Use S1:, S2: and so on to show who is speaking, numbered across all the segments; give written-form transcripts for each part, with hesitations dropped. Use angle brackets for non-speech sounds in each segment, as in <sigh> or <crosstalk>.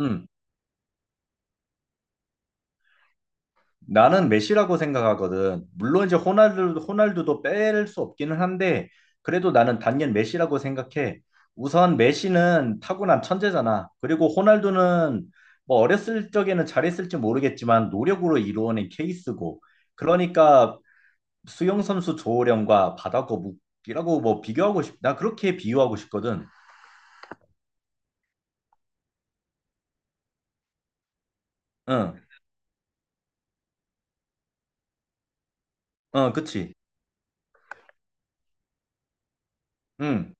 S1: 음, 나는 메시라고 생각하거든. 물론 이제 호날두, 호날두도 뺄 수 없기는 한데, 그래도 나는 단연 메시라고 생각해. 우선 메시는 타고난 천재잖아. 그리고 호날두는 뭐 어렸을 적에는 잘했을지 모르겠지만 노력으로 이루어낸 케이스고. 그러니까 수영 선수 조호령과 바다거북이라고 뭐 비교하고 싶, 나 그렇게 비유하고 싶거든. 응, 어, 그치. 응,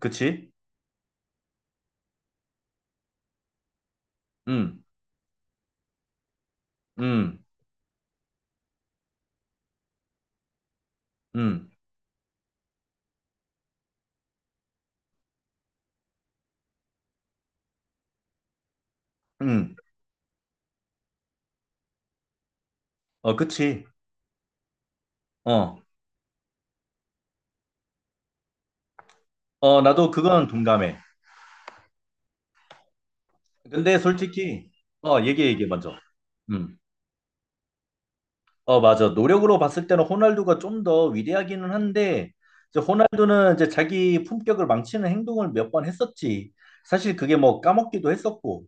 S1: 그치. 응, 응, 응, 응, 어, 그치. 어. 어, 나도 그건 동감해. 근데 솔직히, 어, 얘기해, 얘기해, 먼저. 음. 어, 맞아. 노력으로 봤을 때는 호날두가 좀 더 위대하기는 한데, 이제 호날두는 이제 자기 품격을 망치는 행동을 몇 번 했었지. 사실 그게 뭐 까먹기도 했었고,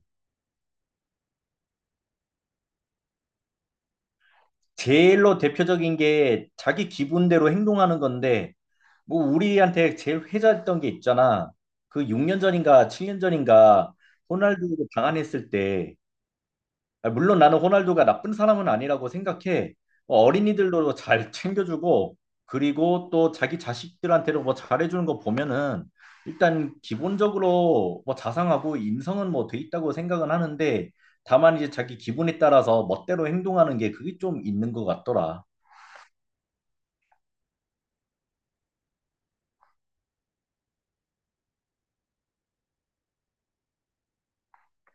S1: 제일로 대표적인 게 자기 기분대로 행동하는 건데, 뭐 우리한테 제일 회자했던 게 있잖아. 그 6년 전인가 7년 전인가 호날두 방한했을 때 아, 물론 나는 호날두가 나쁜 사람은 아니라고 생각해. 어, 어린이들도 잘 챙겨주고, 그리고 또 자기 자식들한테도 뭐 잘해주는 거 보면은, 일단 기본적으로 뭐 자상하고 인성은 뭐 돼 있다고 생각은 하는데, 다만 이제 자기 기분에 따라서 멋대로 행동하는 게 그게 좀 있는 것 같더라.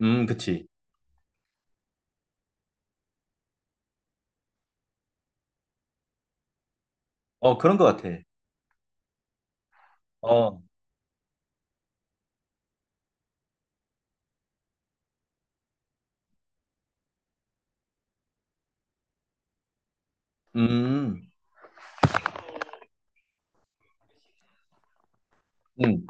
S1: 그치. 어, 그런 것 같아. 어, 음, 음.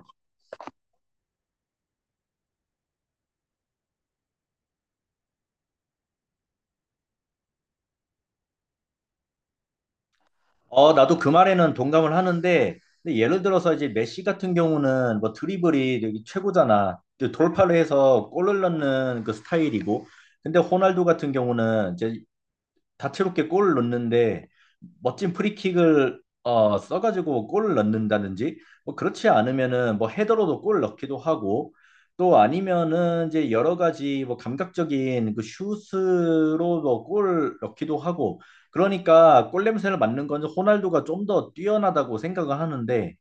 S1: 어, 나도 그 말에는 동감을 하는데, 근데 예를 들어서 이제 메시 같은 경우는 뭐 드리블이 되게 최고잖아. 또 돌파를 해서 골을 넣는 그 스타일이고, 근데 호날두 같은 경우는 이제 다채롭게 골을 넣는데 멋진 프리킥을 써가지고 골을 넣는다든지 뭐 그렇지 않으면은 뭐 헤더로도 골을 넣기도 하고 또 아니면은 이제 여러 가지 뭐 감각적인 그 슛으로 뭐골 넣기도 하고 그러니까 골 냄새를 맡는 건 호날두가 좀 더 뛰어나다고 생각을 하는데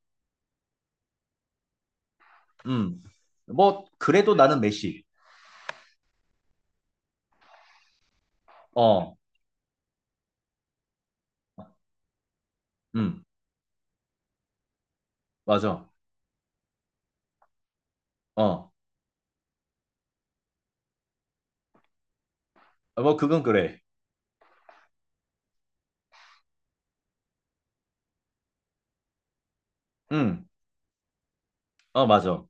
S1: 음뭐 그래도 나는 메시 어 음 맞아 어 뭐 그건 그래 음어 맞아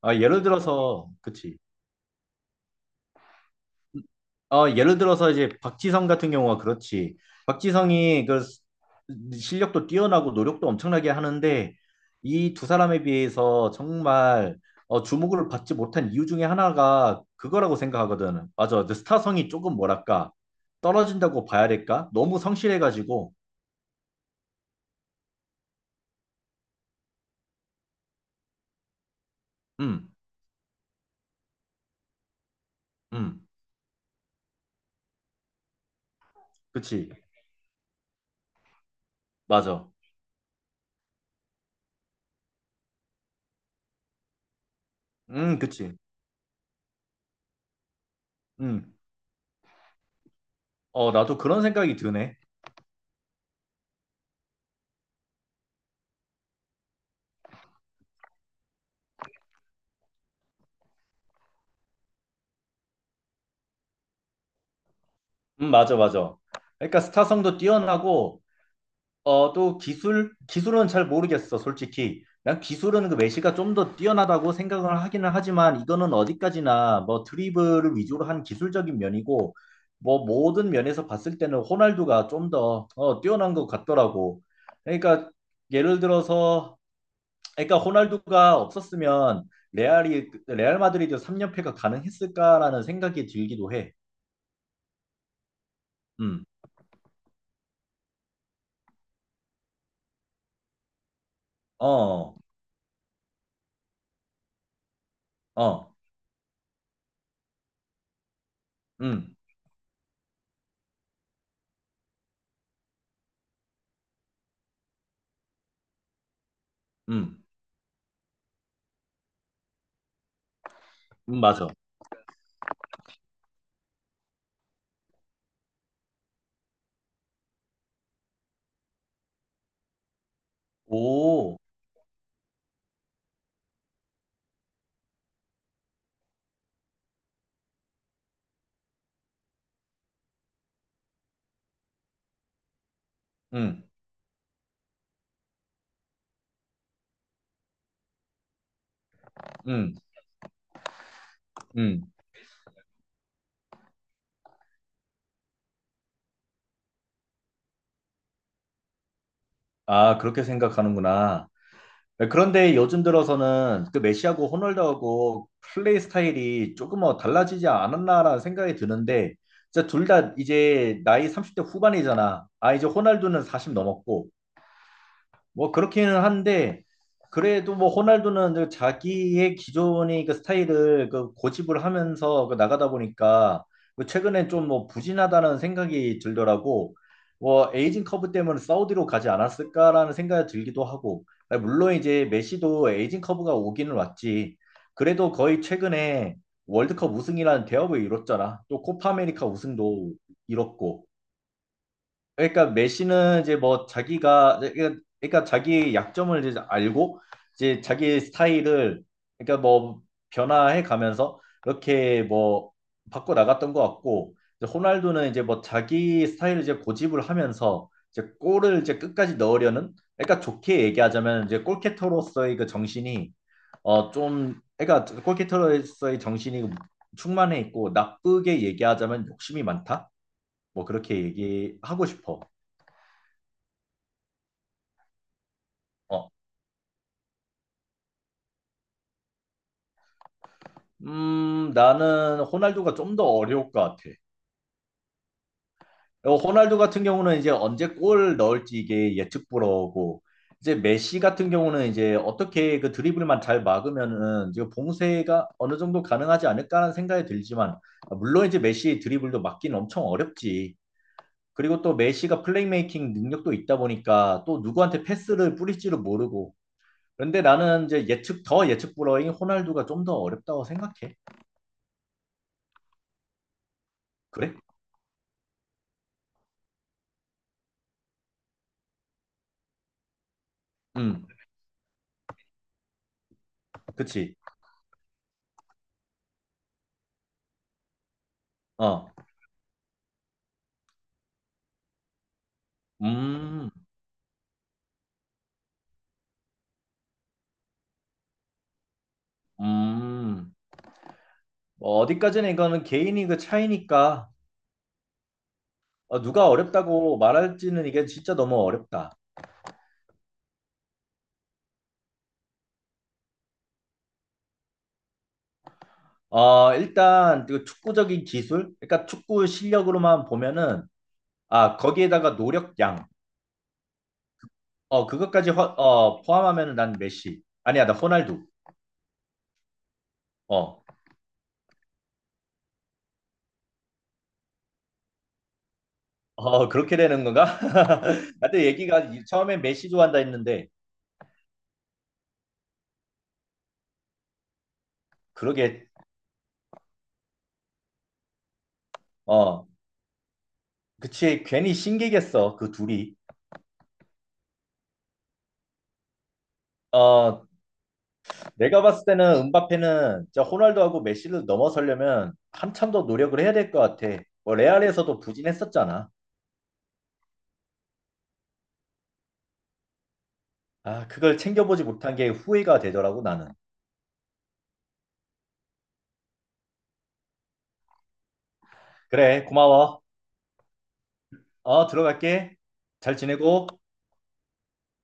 S1: 아 예를 들어서 그치 어, 예를 들어서 이제 박지성 같은 경우가 그렇지. 박지성이 그 스- 실력도 뛰어나고 노력도 엄청나게 하는데 이 두 사람에 비해서 정말 어, 주목을 받지 못한 이유 중에 하나가 그거라고 생각하거든. 맞아. 그 스타성이 조금 뭐랄까 떨어진다고 봐야 될까? 너무 성실해가지고. 음, 음, 그치. 맞아. 그치. 음, 어, 나도 그런 생각이 드네. 맞아, 맞아. 그러니까 스타성도 뛰어나고 어, 또 기술, 기술은 잘 모르겠어, 솔직히. 난 기술은 그 메시가 좀 더 뛰어나다고 생각을 하기는 하지만 이거는 어디까지나 뭐 드리블을 위주로 한 기술적인 면이고 뭐 모든 면에서 봤을 때는 호날두가 좀더 뛰어난 것 같더라고. 그러니까 예를 들어서 그러니까 호날두가 없었으면 레알이 레알 마드리드 3연패가 가능했을까라는 생각이 들기도 해. 음. 어. 어. 음. 음. 맞아. 오. 음. 음, 음. 아, 그렇게 생각하는구나. 그런데 요즘 들어서는 그 메시하고 호날두하고 플레이 스타일이 조금 뭐 달라지지 않았나라는 생각이 드는데, 진짜 둘 다 이제 나이 30대 후반이잖아. 아, 이제 호날두는 40 넘었고, 뭐 그렇기는 한데 그래도 뭐 호날두는 그 자기의 기존의 그 스타일을 그 고집을 하면서 그 나가다 보니까 그 최근에 좀 뭐 부진하다는 생각이 들더라고. 뭐 에이징 커브 때문에 사우디로 가지 않았을까라는 생각이 들기도 하고. 물론 이제 메시도 에이징 커브가 오기는 왔지. 그래도 거의 최근에 월드컵 우승이라는 대업을 이뤘잖아. 또 코파 아메리카 우승도 이뤘고. 그러니까 메시는 이제 뭐 자기가 그러니까 자기 약점을 이제 알고 이제 자기 스타일을 그러니까 뭐 변화해 가면서 이렇게 뭐 바꿔 나갔던 것 같고 이제 호날두는 이제 뭐 자기 스타일을 이제 고집을 하면서 이제 골을 이제 끝까지 넣으려는 그러니까 좋게 얘기하자면 이제 골키터로서의 그 정신이 좀 그러니까 골키터로서의 정신이 충만해 있고 나쁘게 얘기하자면 욕심이 많다 뭐 그렇게 얘기하고 싶어. 어, 나는 호날두가 좀 더 어려울 것 같아. 어, 호날두 같은 경우는 이제 언제 골 넣을지 이게 예측 불허고, 이제 메시 같은 경우는 이제 어떻게 그 드리블만 잘 막으면은 이제 봉쇄가 어느 정도 가능하지 않을까라는 생각이 들지만, 아, 물론 이제 메시 드리블도 막기는 엄청 어렵지. 그리고 또 메시가 플레이메이킹 능력도 있다 보니까 또 누구한테 패스를 뿌릴지를 모르고. 그런데 나는 이제 예측, 더 예측 불허인 호날두가 좀 더 어렵다고 생각해. 그래? 음, 그치. 어, 음, 음. 뭐 어디까지는 이거는 개인이 그 차이니까 어, 누가 어렵다고 말할지는 이게 진짜 너무 어렵다. 어, 일단 그 축구적인 기술, 그러니까 축구 실력으로만 보면은 아 거기에다가 노력량, 어 그것까지 허- 어, 포함하면은 난 메시, 아니야 나 호날두. 어, 어 그렇게 되는 건가? <laughs> 나도 얘기가 이- 처음에 메시 좋아한다 했는데 그러게, 어, 그치 괜히 신기겠어 그 둘이. 어, 내가 봤을 때는 음바페는 진짜 호날두하고 메시를 넘어서려면 한참 더 노력을 해야 될 것 같아. 뭐 레알에서도 부진했었잖아. 아, 그걸 챙겨보지 못한 게 후회가 되더라고 나는. 그래, 고마워. 어, 들어갈게. 잘 지내고.